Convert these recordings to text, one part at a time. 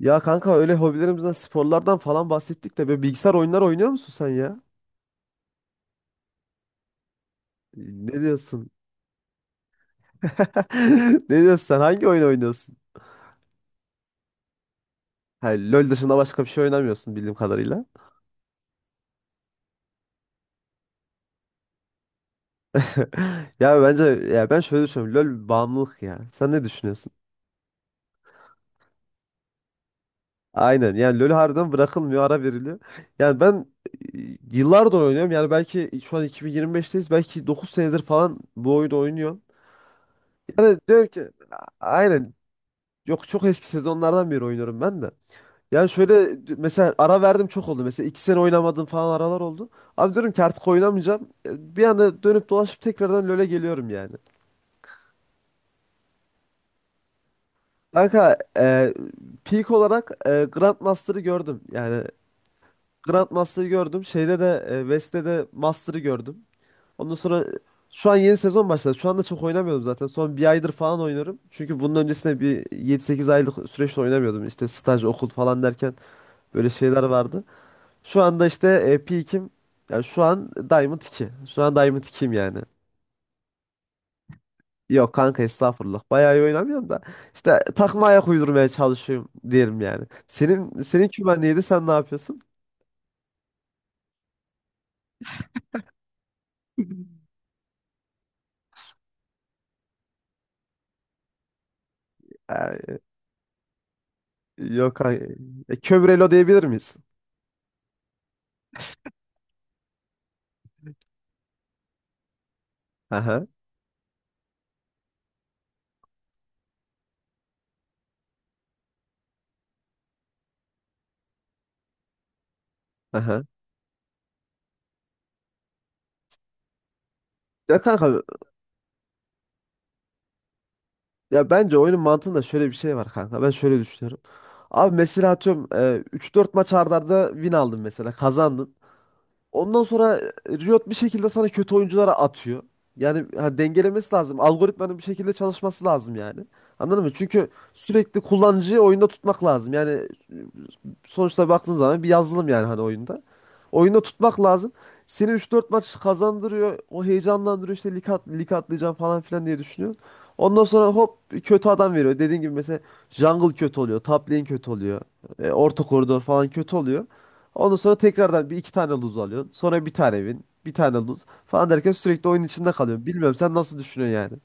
Ya kanka öyle hobilerimizden, sporlardan falan bahsettik de böyle bilgisayar oyunları oynuyor musun sen ya? Ne diyorsun? Ne diyorsun sen? Hangi oyun oynuyorsun? Ha, LoL dışında başka bir şey oynamıyorsun bildiğim kadarıyla. Ya bence ya ben şöyle düşünüyorum. LoL bağımlılık ya. Sen ne düşünüyorsun? Aynen. Yani LoL harbiden bırakılmıyor, ara veriliyor. Yani ben e, yıllardır oynuyorum. Yani belki şu an 2025'teyiz. Belki 9 senedir falan bu oyunu oynuyorum. Diyorum ki aynen. Yok, çok eski sezonlardan beri oynuyorum ben de. Yani şöyle, mesela ara verdim çok oldu. Mesela 2 sene oynamadım falan, aralar oldu. Abi diyorum ki artık oynamayacağım. Bir anda dönüp dolaşıp tekrardan LoL'e geliyorum yani. Kanka peak olarak Grandmaster'ı gördüm. Yani Grandmaster'ı gördüm. Şeyde de West'te de Master'ı gördüm. Ondan sonra şu an yeni sezon başladı. Şu anda çok oynamıyorum zaten. Son 1 aydır falan oynuyorum. Çünkü bunun öncesinde bir 7-8 aylık süreçte oynamıyordum. İşte staj, okul falan derken böyle şeyler vardı. Şu anda işte peak'im. Yani şu an Diamond 2. Şu an Diamond 2'yim yani. Yok kanka, estağfurullah. Bayağı iyi oynamıyorum da. İşte takıma ayak uydurmaya çalışıyorum diyelim yani. Senin kümen neydi? Sen ne yapıyorsun? Ee, yok kanka. Kövrelo diyebilir miyiz? Aha, aha. Ya kanka, ya bence oyunun mantığında şöyle bir şey var kanka. Ben şöyle düşünüyorum. Abi mesela atıyorum 3-4 maç arda arda win aldın mesela. Kazandın. Ondan sonra Riot bir şekilde sana kötü oyunculara atıyor. Yani ha, dengelemesi lazım. Algoritmanın bir şekilde çalışması lazım yani. Anladın mı? Çünkü sürekli kullanıcıyı oyunda tutmak lazım. Yani sonuçta baktığın zaman bir yazılım yani, hani oyunda. Oyunda tutmak lazım. Seni üç dört maç kazandırıyor. O heyecanlandırıyor, işte lig at, lig atlayacağım falan filan diye düşünüyorsun. Ondan sonra hop, kötü adam veriyor. Dediğin gibi mesela jungle kötü oluyor. Top lane kötü oluyor. Orta koridor falan kötü oluyor. Ondan sonra tekrardan bir iki tane lose alıyorsun. Sonra bir tane win. Bir tane lose falan derken sürekli oyun içinde kalıyorsun. Bilmiyorum, sen nasıl düşünüyorsun yani?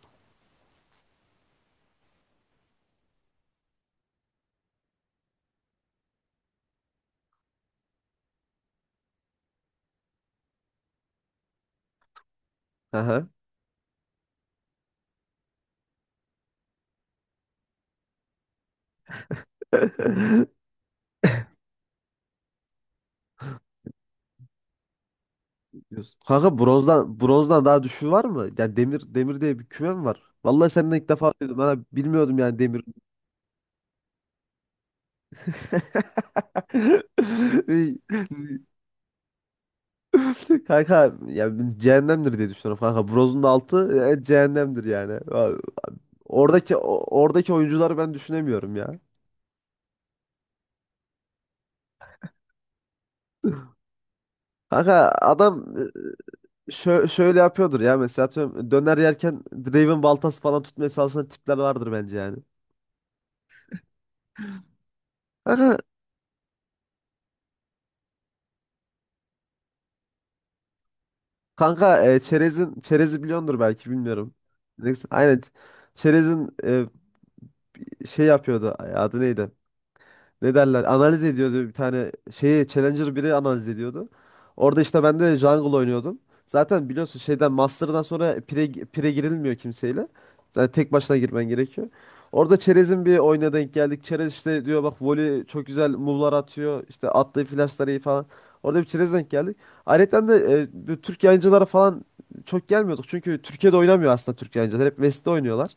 Aha. Diyorsun. Kanka, bronzdan daha düşüğü var mı? Yani demir demir diye bir küme mi var? Vallahi senden ilk defa duydum. Ben abi bilmiyordum yani, demir. Kanka yani cehennemdir diye düşünüyorum kanka. Brozun da altı cehennemdir yani. Ya, oradaki oradaki oyuncuları ben düşünemiyorum ya. Kanka adam şöyle yapıyordur ya, mesela atıyorum döner yerken Draven baltası falan tutmaya çalışan tipler vardır bence yani. Kanka çerezin çerezi biliyordur belki, bilmiyorum. Neyse, aynen. Çerezin şey yapıyordu. Ay, adı neydi? Ne derler, analiz ediyordu bir tane şeyi, Challenger biri analiz ediyordu. Orada işte ben de jungle oynuyordum. Zaten biliyorsun, şeyden Master'dan sonra pire, pire girilmiyor kimseyle. Yani tek başına girmen gerekiyor. Orada Çerez'in bir oyuna denk geldik. Çerez işte diyor, bak voli çok güzel move'lar atıyor. İşte attığı flash'lar iyi falan. Orada bir Çerez'e denk geldik. Ayrıca de bu Türk yayıncılara falan çok gelmiyorduk. Çünkü Türkiye'de oynamıyor aslında Türk yayıncılar. Hep West'te oynuyorlar.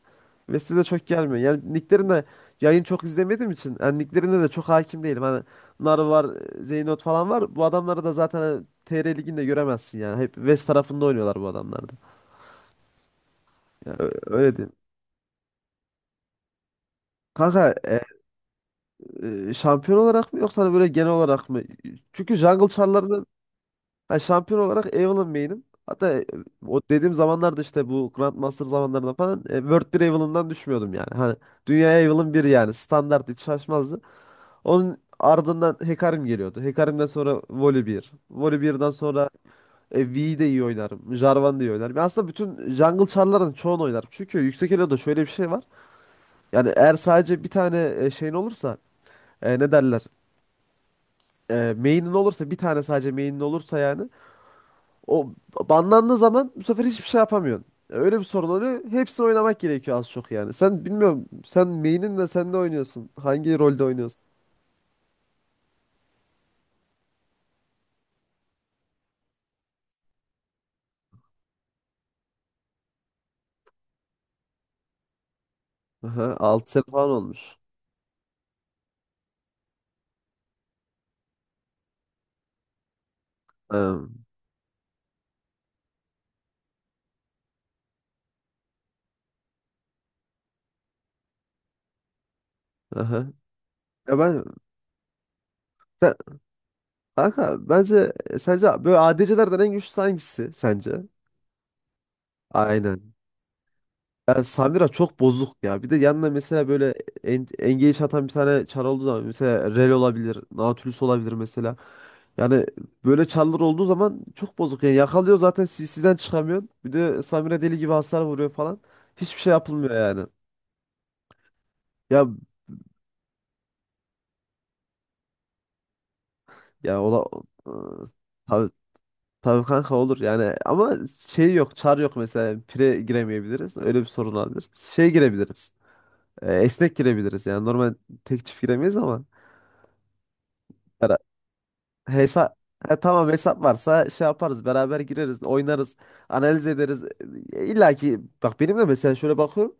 West'te de çok gelmiyor. Yani nicklerin de, yayın çok izlemediğim için, yani liglerine de çok hakim değilim. Hani Nar var, Zeynot falan var. Bu adamları da zaten hani TR liginde göremezsin yani. Hep West tarafında oynuyorlar bu adamlar da. Yani öyle diyeyim. Kanka şampiyon olarak mı yoksa hani böyle genel olarak mı? Çünkü Jungle Char'larının, hani şampiyon olarak, Evelynn main'im. Hatta o dediğim zamanlarda, işte bu Grandmaster zamanlarında falan, World bir Evelyn'dan düşmüyordum yani. Hani dünya Evelynn bir, yani standart, hiç şaşmazdı. Onun ardından Hekarim geliyordu. Hekarim'den sonra Voli 1. Sonra V'yi de iyi oynarım. Jarvan da iyi oynarım. Ya aslında bütün jungle char'ların çoğunu oynarım. Çünkü yüksek elo'da şöyle bir şey var. Yani eğer sadece bir tane şeyin olursa, ne derler? Main'in olursa, bir tane sadece main'in olursa yani, o banlandığı zaman bu sefer hiçbir şey yapamıyorsun. Öyle bir sorun oluyor. Hepsini oynamak gerekiyor az çok yani. Sen, bilmiyorum, sen main'in, de sen de oynuyorsun. Hangi rolde oynuyorsun? Aha, 6 sene falan olmuş. Ha. Aha. Ya sen, kanka bence sence böyle ADC'lerden en güçlü hangisi sence? Aynen. Ya Samira çok bozuk ya. Bir de yanına mesela böyle engage atan bir tane çar olduğu zaman, mesela Rel olabilir, Nautilus olabilir mesela. Yani böyle çarlar olduğu zaman çok bozuk. Yani yakalıyor, zaten CC'den çıkamıyorsun. Bir de Samira deli gibi hasar vuruyor falan. Hiçbir şey yapılmıyor yani. Ya ya ola, Tabii kanka olur yani, ama şey, yok çar yok, mesela pire giremeyebiliriz, öyle bir sorun olabilir. Şey girebiliriz, esnek girebiliriz yani, normal tek çift giremeyiz ama hesap, tamam, hesap varsa şey yaparız, beraber gireriz oynarız, analiz ederiz. İlla ki bak, benim de mesela şöyle bakıyorum,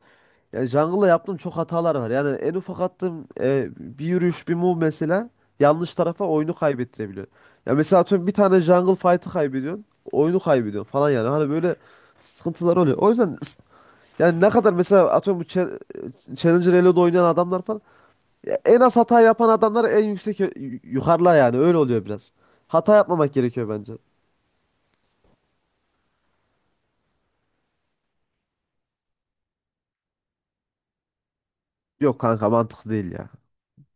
yani jungle'la yaptığım çok hatalar var. Yani en ufak attığım bir yürüyüş, bir move mesela yanlış tarafa oyunu kaybettirebiliyor. Ya mesela atıyorum bir tane jungle fight'ı kaybediyorsun, oyunu kaybediyorsun falan yani. Hani böyle sıkıntılar oluyor. O yüzden yani, ne kadar mesela atıyorum bu Challenger Elo'da oynayan adamlar falan, ya en az hata yapan adamlar en yüksek, yukarıda yani, öyle oluyor biraz. Hata yapmamak gerekiyor bence. Yok kanka, mantıklı değil ya.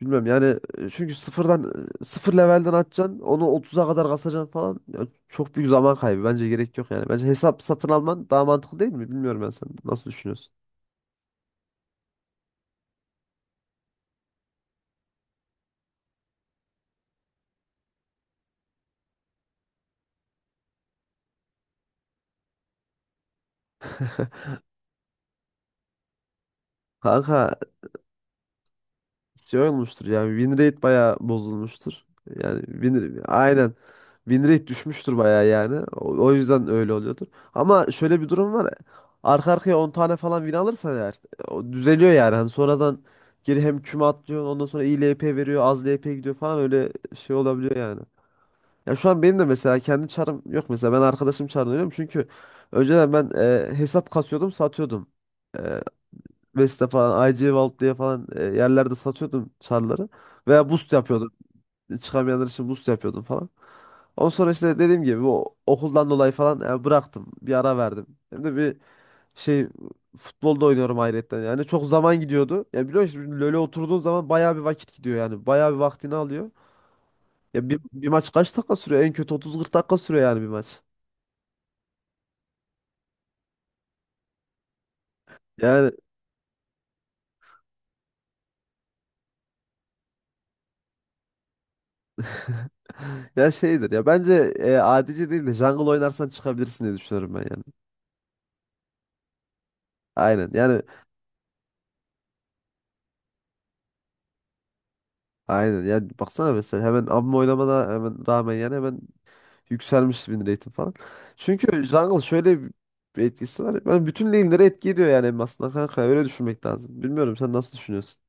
Bilmem yani, çünkü sıfırdan, sıfır levelden atacaksın onu 30'a kadar kasacaksın falan. Ya çok büyük zaman kaybı, bence gerek yok yani. Bence hesap satın alman daha mantıklı, değil mi? Bilmiyorum, ben, sen nasıl düşünüyorsun? Kanka şey olmuştur yani, win rate bayağı bozulmuştur. Yani aynen, win rate düşmüştür bayağı yani. O yüzden öyle oluyordur. Ama şöyle bir durum var. Arka arkaya 10 tane falan win alırsan eğer, o düzeliyor yani. Hani sonradan geri hem küme atlıyorsun, ondan sonra iyi LP veriyor, az LP gidiyor falan, öyle şey olabiliyor yani. Ya şu an benim de mesela kendi çarım yok, mesela ben arkadaşım çarını oynuyorum, çünkü önceden ben hesap kasıyordum, satıyordum. E, Vesta falan, IC Vault diye falan yerlerde satıyordum çarları, veya boost yapıyordum. Çıkamayanlar için boost yapıyordum falan. Ondan sonra işte dediğim gibi o okuldan dolayı falan bıraktım. Bir ara verdim. Hem de bir şey futbolda oynuyorum ayrıca yani, çok zaman gidiyordu. Ya biliyorsun şimdi LoL'e oturduğun zaman bayağı bir vakit gidiyor yani. Bayağı bir vaktini alıyor. Ya bir maç kaç dakika sürüyor? En kötü 30-40 dakika sürüyor yani bir maç. Yani ya şeydir ya, bence adici değil de jungle oynarsan çıkabilirsin diye düşünüyorum ben yani. Aynen yani aynen yani, baksana, mesela hemen abim oynamana hemen rağmen, yani hemen yükselmiş win rate'im falan. Çünkü jungle şöyle bir etkisi var. Ben bütün lane'lere etki ediyor yani, hem aslında kanka öyle düşünmek lazım. Bilmiyorum, sen nasıl düşünüyorsun?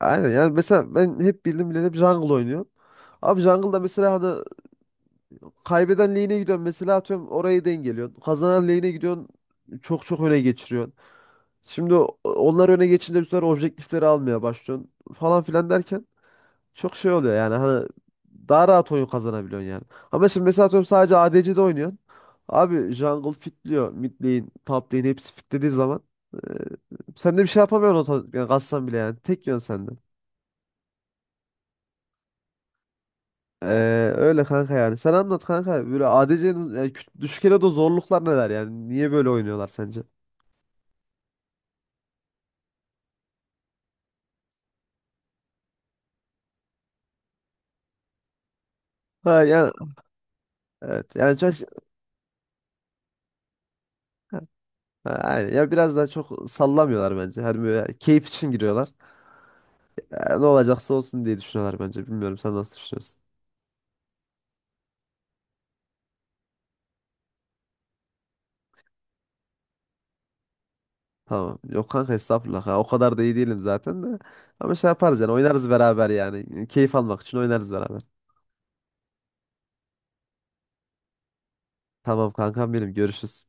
Aynen yani mesela ben hep bildim bileli hep jungle oynuyorum. Abi jungle'da mesela hani kaybeden lane'e gidiyorsun, mesela atıyorum orayı dengeliyorsun. Kazanan lane'e gidiyorsun, çok çok öne geçiriyorsun. Şimdi onlar öne geçince bu sefer objektifleri almaya başlıyorsun falan filan derken çok şey oluyor yani, hani daha rahat oyun kazanabiliyorsun yani. Ama şimdi mesela atıyorum sadece ADC'de oynuyorsun. Abi jungle fitliyor. Mid lane, top lane hepsi fitlediği zaman e, sen de bir şey yapamıyorsun o yani, kassan bile yani. Tek yön sende. Ee, öyle kanka yani. Sen anlat kanka. Böyle ADC'nin yani düşük elo de zorluklar neler yani? Niye böyle oynuyorlar sence? Ha yani, evet. Yani çok. Ha, aynen. Ya biraz daha çok sallamıyorlar bence. Hani böyle keyif için giriyorlar. Ya ne olacaksa olsun diye düşünüyorlar bence. Bilmiyorum, sen nasıl düşünüyorsun? Tamam. Yok kanka estağfurullah ya. O kadar da iyi değilim zaten de. Ama şey yaparız yani, oynarız beraber yani. Keyif almak için oynarız beraber. Tamam kankam benim, görüşürüz.